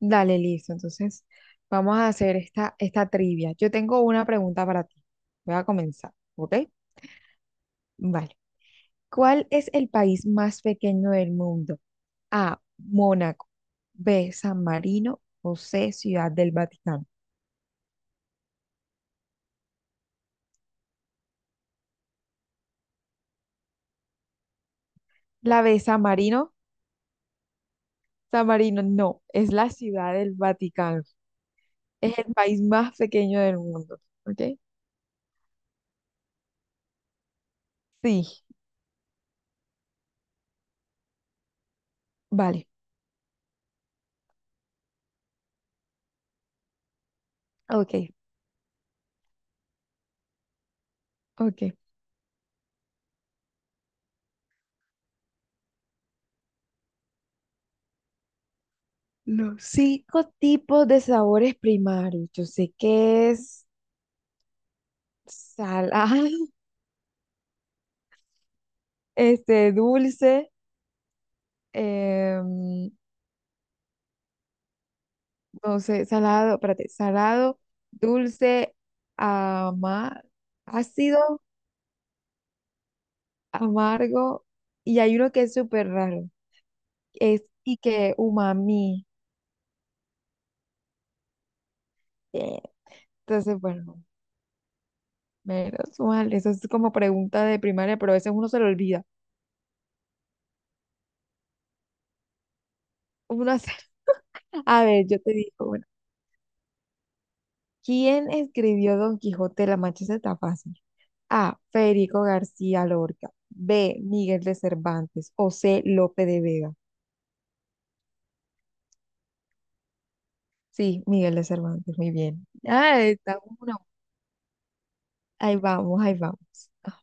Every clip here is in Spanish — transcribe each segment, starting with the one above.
Dale, listo. Entonces, vamos a hacer esta trivia. Yo tengo una pregunta para ti. Voy a comenzar, ¿ok? Vale. ¿Cuál es el país más pequeño del mundo? A, Mónaco. B, San Marino. O C, Ciudad del Vaticano. La B, San Marino. San Marino, no. Es la Ciudad del Vaticano. Es el país más pequeño del mundo, ¿ok? Sí, vale. Ok, ok. Los cinco tipos de sabores primarios. Yo sé que es salado, este, dulce, em, no sé, salado, espérate, salado, dulce, ama- ácido, amargo, y hay uno que es súper raro, es y que umami. Eh, Entonces, bueno, menos mal, eso es como pregunta de primaria, pero a veces uno se lo olvida. Uno hace- a ver, yo te digo, una. ¿Quién escribió Don Quijote de la Mancha? Esa está fácil. A. Federico García Lorca. B. Miguel de Cervantes. O C. Lope de Vega. Sí, Miguel de Cervantes, muy bien. Ah, está uno. Ahí vamos, ahí vamos. Ah,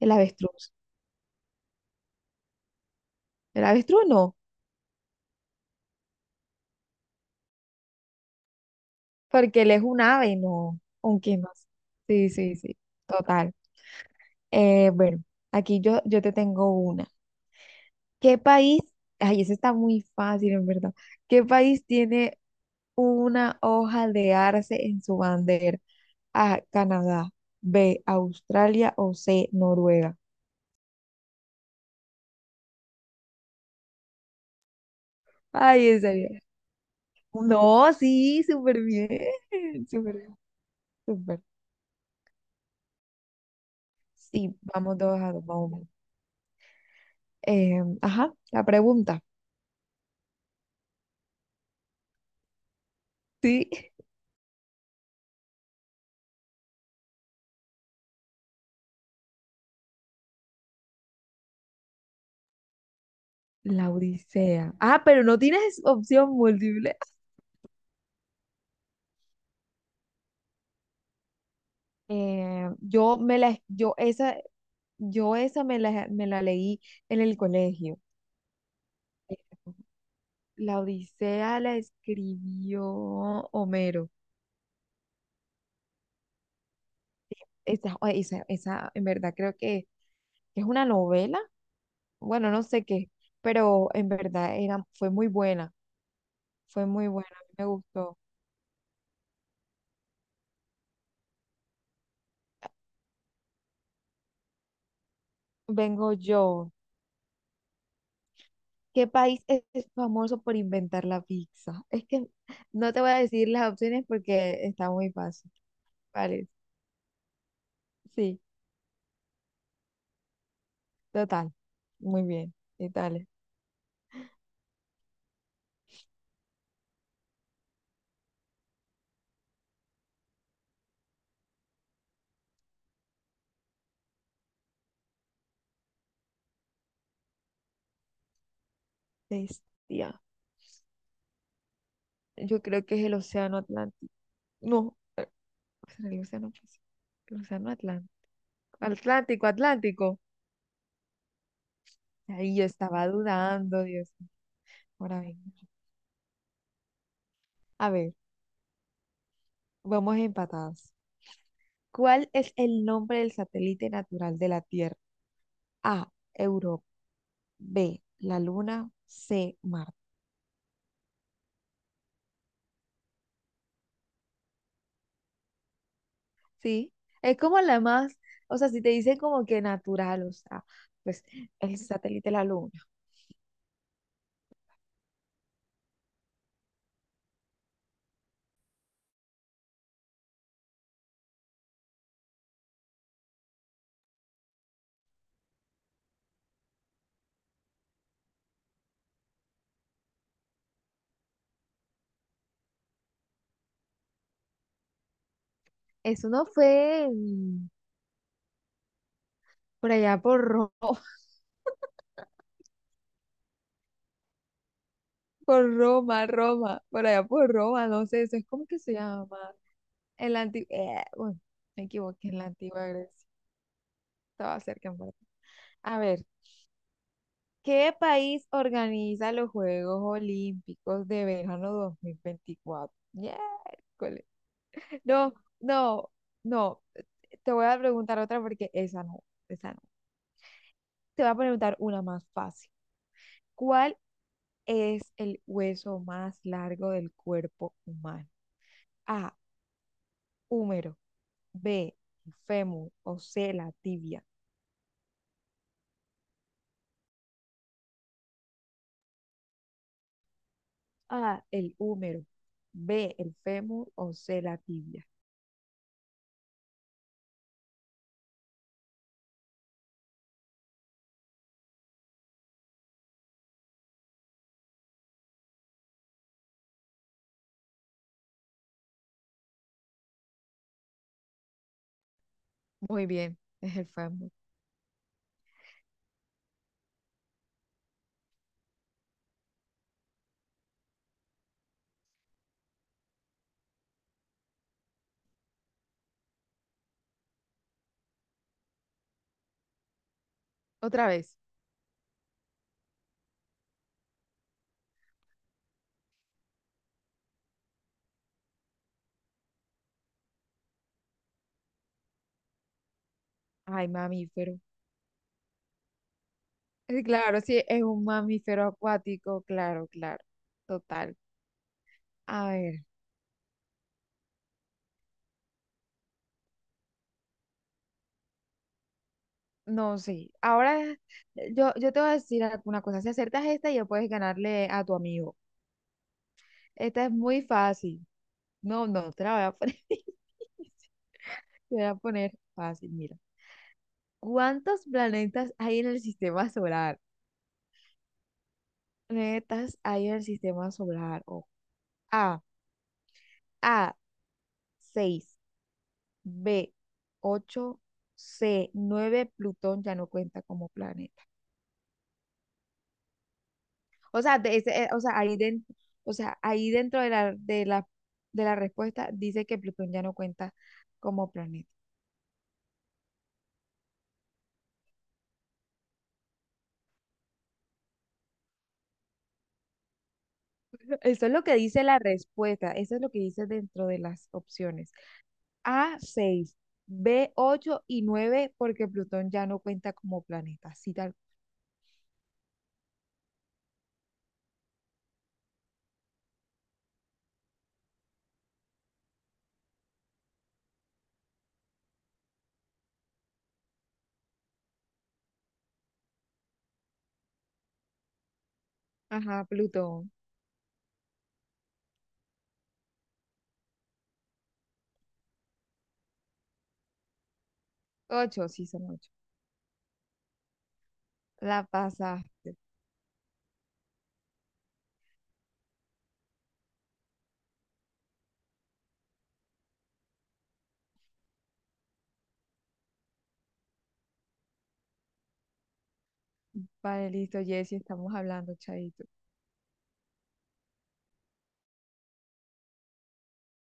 el avestruz. El avestruz no, porque él es un ave, no. ¿Aunque más? Sí, sí, sí. Total. Bueno, aquí yo te tengo una. ¿Qué país? Ay, eso está muy fácil, en verdad. ¿Qué país tiene una hoja de arce en su bandera? A, Canadá. B, Australia o C, Noruega. Ay, en serio. No, sí, súper bien. Súper, bien, súper. Sí, vamos 2-2, vamos bien. Ajá, la pregunta. Sí, la Odisea. Ah, pero no tienes opción múltiple. Eh, yo me la, yo esa, yo esa me la leí en el colegio. La Odisea la escribió Homero. Esa, en verdad creo que es una novela. Bueno, no sé qué, pero en verdad fue muy buena. Fue muy buena, a mí me gustó. Vengo yo. ¿Qué país es famoso por inventar la pizza? Es que no te voy a decir las opciones porque está muy fácil. Vale, sí, total. Muy bien, Italia. Bestia. Yo creo que es el océano Atlántico. No. Será el océano Pacífico, el océano Atlántico. Atlántico, Atlántico. Ahí yo estaba dudando, Dios mío. Ahora venga. A ver, vamos empatados. ¿Cuál es el nombre del satélite natural de la Tierra? A, Europa. B, la Luna. C, Marte. Sí, es como la más, o sea, si te dicen como que natural, o sea, pues el satélite de la Luna. Eso no fue por allá por Roma. Por Roma, Roma, por allá por Roma, no sé, eso es como que se llama. En la antigua, bueno, me equivoqué, en la antigua Grecia. Estaba cerca en verdad. A ver, ¿qué país organiza los Juegos Olímpicos de verano 2024? Yeah, cole. No, no, no. Te voy a preguntar otra porque esa no, esa no. Te voy a preguntar una más fácil. ¿Cuál es el hueso más largo del cuerpo humano? A, húmero. B, el fémur o C, la tibia. A, el húmero. B, el fémur o C, la tibia. Muy bien, es el fémur. Otra vez. Ay, mamífero. Claro, sí, es un mamífero acuático, claro, claro, total. A ver, no, sí. Ahora yo te voy a decir alguna cosa. Si acertas esta, ya puedes ganarle a tu amigo. Esta es muy fácil. No, no, te la voy a poner, te voy a poner fácil, mira. ¿Cuántos planetas hay en el sistema solar? ¿Planetas hay en el sistema solar? O A, A, seis. B, ocho. C, nueve. Plutón ya no cuenta como planeta. O sea, o sea, ahí dentro, o sea, ahí dentro de la respuesta dice que Plutón ya no cuenta como planeta. Eso es lo que dice la respuesta, eso es lo que dice dentro de las opciones. A, seis. B, 8 y 9 porque Plutón ya no cuenta como planeta. Así tal. Ajá, Plutón. Ocho, sí, son ocho. La pasaste. Vale, listo, Jessy, estamos hablando, chaito.